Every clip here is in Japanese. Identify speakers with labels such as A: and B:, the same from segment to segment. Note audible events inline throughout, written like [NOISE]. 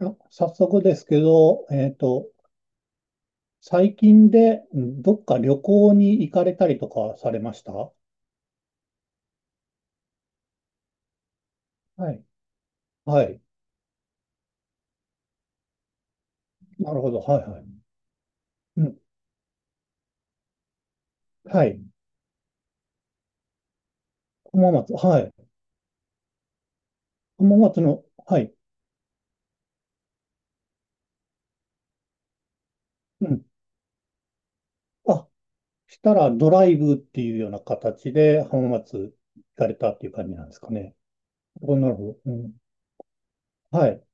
A: あ、早速ですけど、最近でどっか旅行に行かれたりとかされました？はい。はい。なるほど。はいはい。うん。はい。浜松。はい。浜松の、はい。うん。あ、したらドライブっていうような形で浜松行かれたっていう感じなんですかね。おなるほど。うん。はい。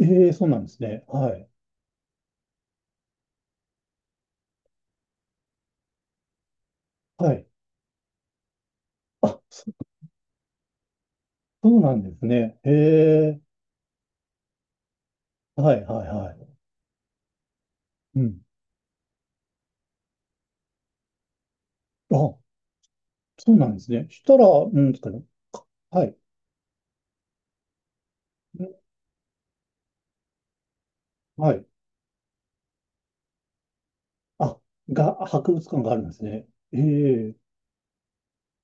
A: ええ、そうなんですね。はい。はい。あ、そうなんですね。ええ、はいはいはい。うん。あ、そうなんですね。したら、うん、ですかね。はい。うんはい。あ、博物館があるんですね。ええ、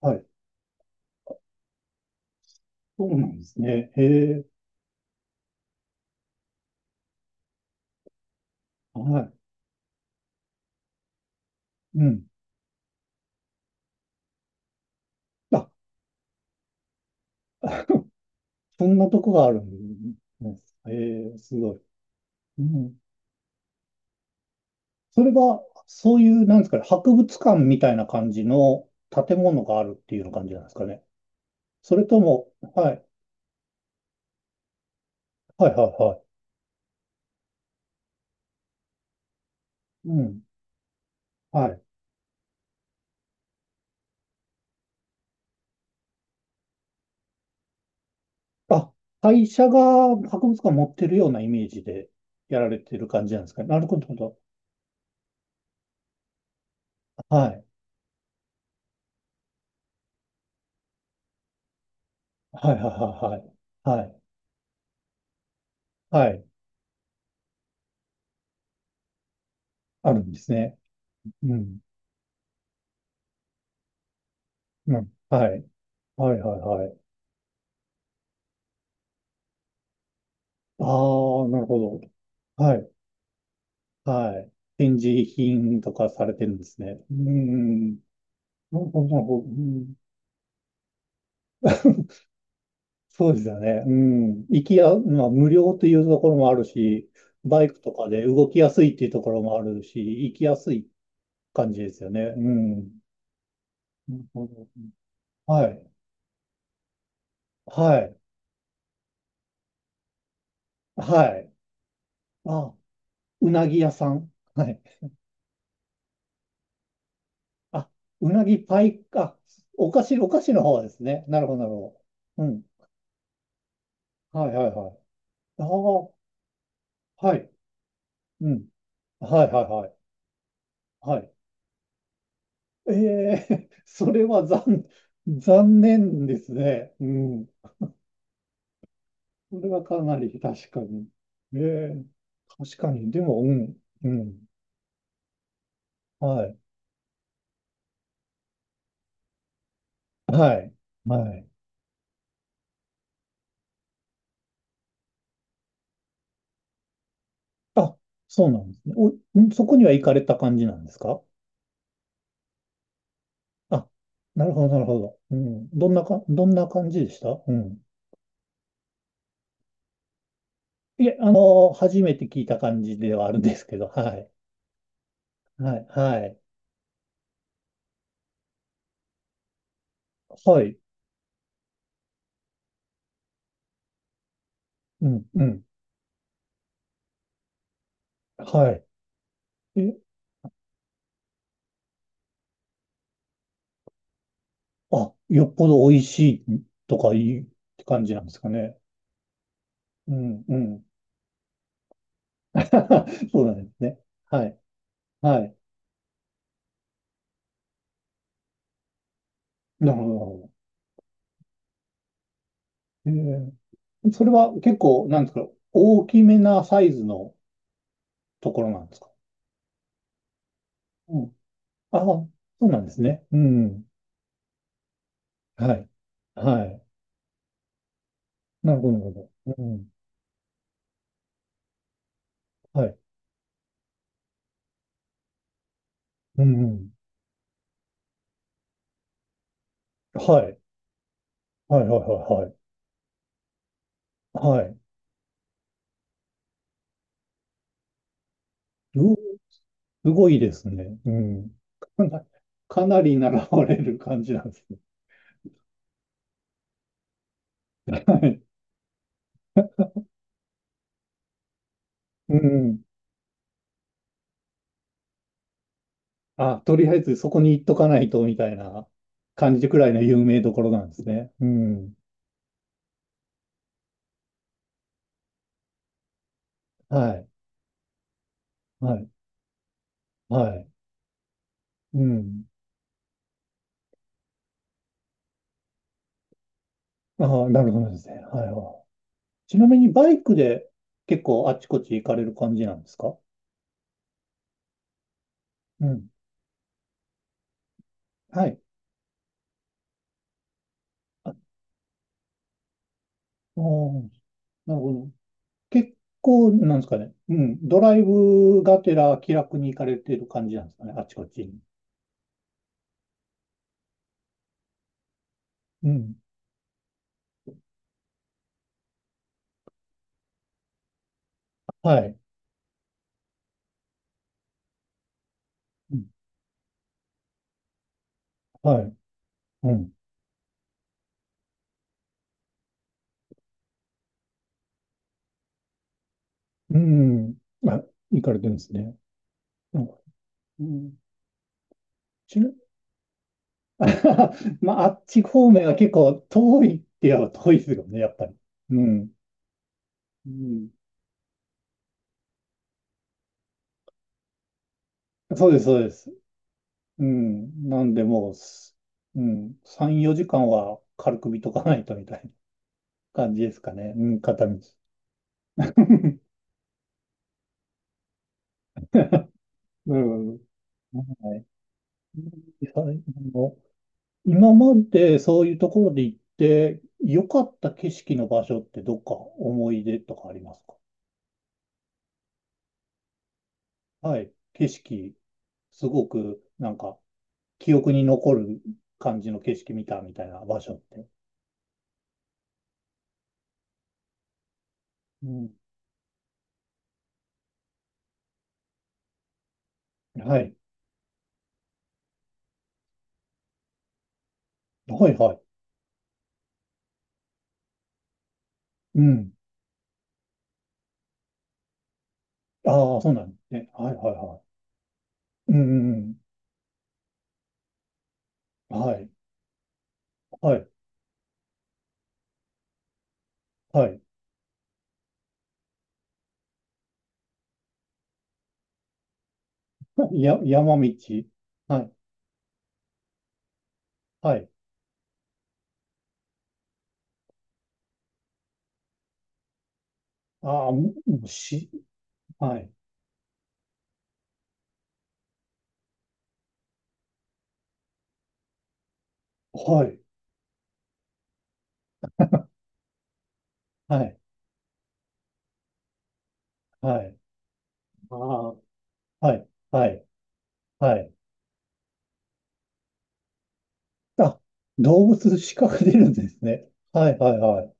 A: はい。そうなんですね。ええ、はい。うん。あ、そんなとこがあるんですね。ええ、すごい。うん。それは、そういう、なんですかね、博物館みたいな感じの建物があるっていうような感じなんですかね。それとも、はい。はいはいはい。うん。はい。あ、会社が博物館持ってるようなイメージでやられてる感じなんですかね。なるほど。はい。はいはいはいはい。はい。はい。あるんですね。うん。うん。はい。はいはいはい。ああ、なるほど。はい。はい。展示品とかされてるんですね。うん。なるほど、なるほど。うん [LAUGHS]、そうですよね。うん。行きや、まあ、無料というところもあるし、バイクとかで動きやすいっていうところもあるし、行きやすい感じですよね。うん。なるほど。はい。はい。はい。あ、うなぎ屋さん。はい。あ、うなぎパイ、あ、お菓子、お菓子の方ですね。なるほど、なるほど。うん。はい、はい、はい。ああ、はい。うん。はい、はい、はい。はい。ええ [LAUGHS] それは残念ですね。うん。それはかなり確かに。ええ確かに。でも、うん、うん。はい、はい、はい。あ、そうなんですね。そこには行かれた感じなんですか？あ、なるほど、なるほど。うん。どんな感じでした？うん。いえ、初めて聞いた感じではあるんですけど、はい。はい、はい。はい。うん、うん。はい。え、あ、よっぽど美味しいとかいいって感じなんですかね。うん、うん。[LAUGHS] そうなんですね。はい、はい。なるほど。それは結構、なんですか、大きめなサイズのところなんですか？うん。ああ、そうなんですね。うん。はい。はい。なるほど、なるほど。うん。はい。うん、うん。はい。はい、はい、はい、はい。はい。うすごいですね。うん。[LAUGHS] かな、かなり習われる感じなんですね。[LAUGHS] はい。うん。あ、とりあえずそこに行っとかないとみたいな感じくらいの有名どころなんですね。うん。はい。はい。はい。うん。ああ、なるほどですね。はいはい。ちなみにバイクで結構あっちこっち行かれる感じなんですか？うん。はい。あ、あーなるほど。結構、なんですかね。うん。ドライブがてら気楽に行かれている感じなんですかね。あちこちに。うん。はい。うん。はい。うん。うん。まあ、行かれてるんですね。うん。ちな [LAUGHS] まあ、あっち方面は結構遠いって言えば遠いですよね、やっぱり。うん。うん。そうです、そうです。うん。なんで、もうす、うん。3、4時間は軽く見とかないとみたいな感じですかね。うん、片道。[LAUGHS] うんはいはい今までそういうところで行って良かった景色の場所ってどっか思い出とかありますか？はい。景色、すごくなんか記憶に残る感じの景色見たみたいな場所って。うん。はい。はいはい。うん。ああ、そうなんですね。はいはいはい。うんうんうん。はい。はい。はい。山道。はい。はい。ああ、ももうし、はい。はい。はい。はい。ああ。はい、はい、はい。あ、動物視覚出るんですね。はい、はい、はい。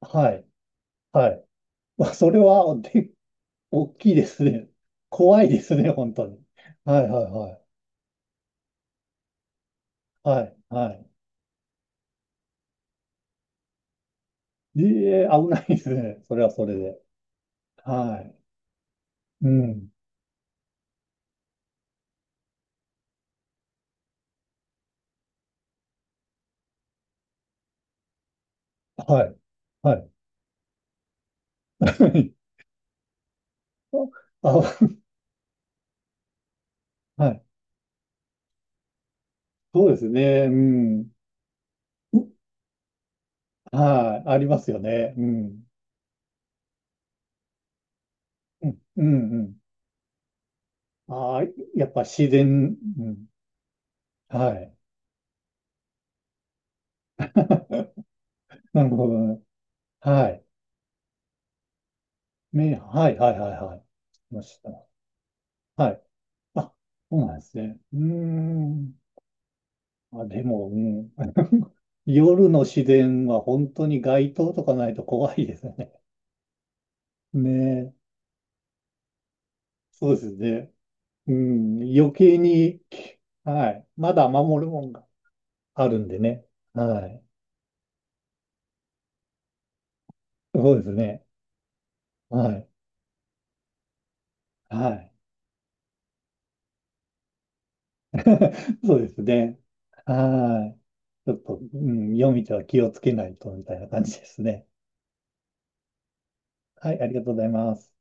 A: はい、はい。わそれは、[LAUGHS] で、大きいですね。怖いですね、本当に。はい、はい、はい。はい、はい。ええ、危ないですね。それはそれで。はい。うん。はい、はい。[LAUGHS] あ、はい。そうですね。うん。うはい。ありますよね。うん。うん、うん、うん。ああ、やっぱ自然、うん。はい。[LAUGHS] なるほど。はい。はい、はい、はい、はい。いました。はい。あ、そうなんですね。うーん。あ、でも、うん。夜の自然は本当に街灯とかないと怖いですね。ねえ。そうですね。うん。余計に、はい。まだ守るもんがあるんでね。はい。そうですね。はい。はい。[LAUGHS] そうですね。はい。ちょっと、うん、夜道は気をつけないとみたいな感じですね。はい、ありがとうございます。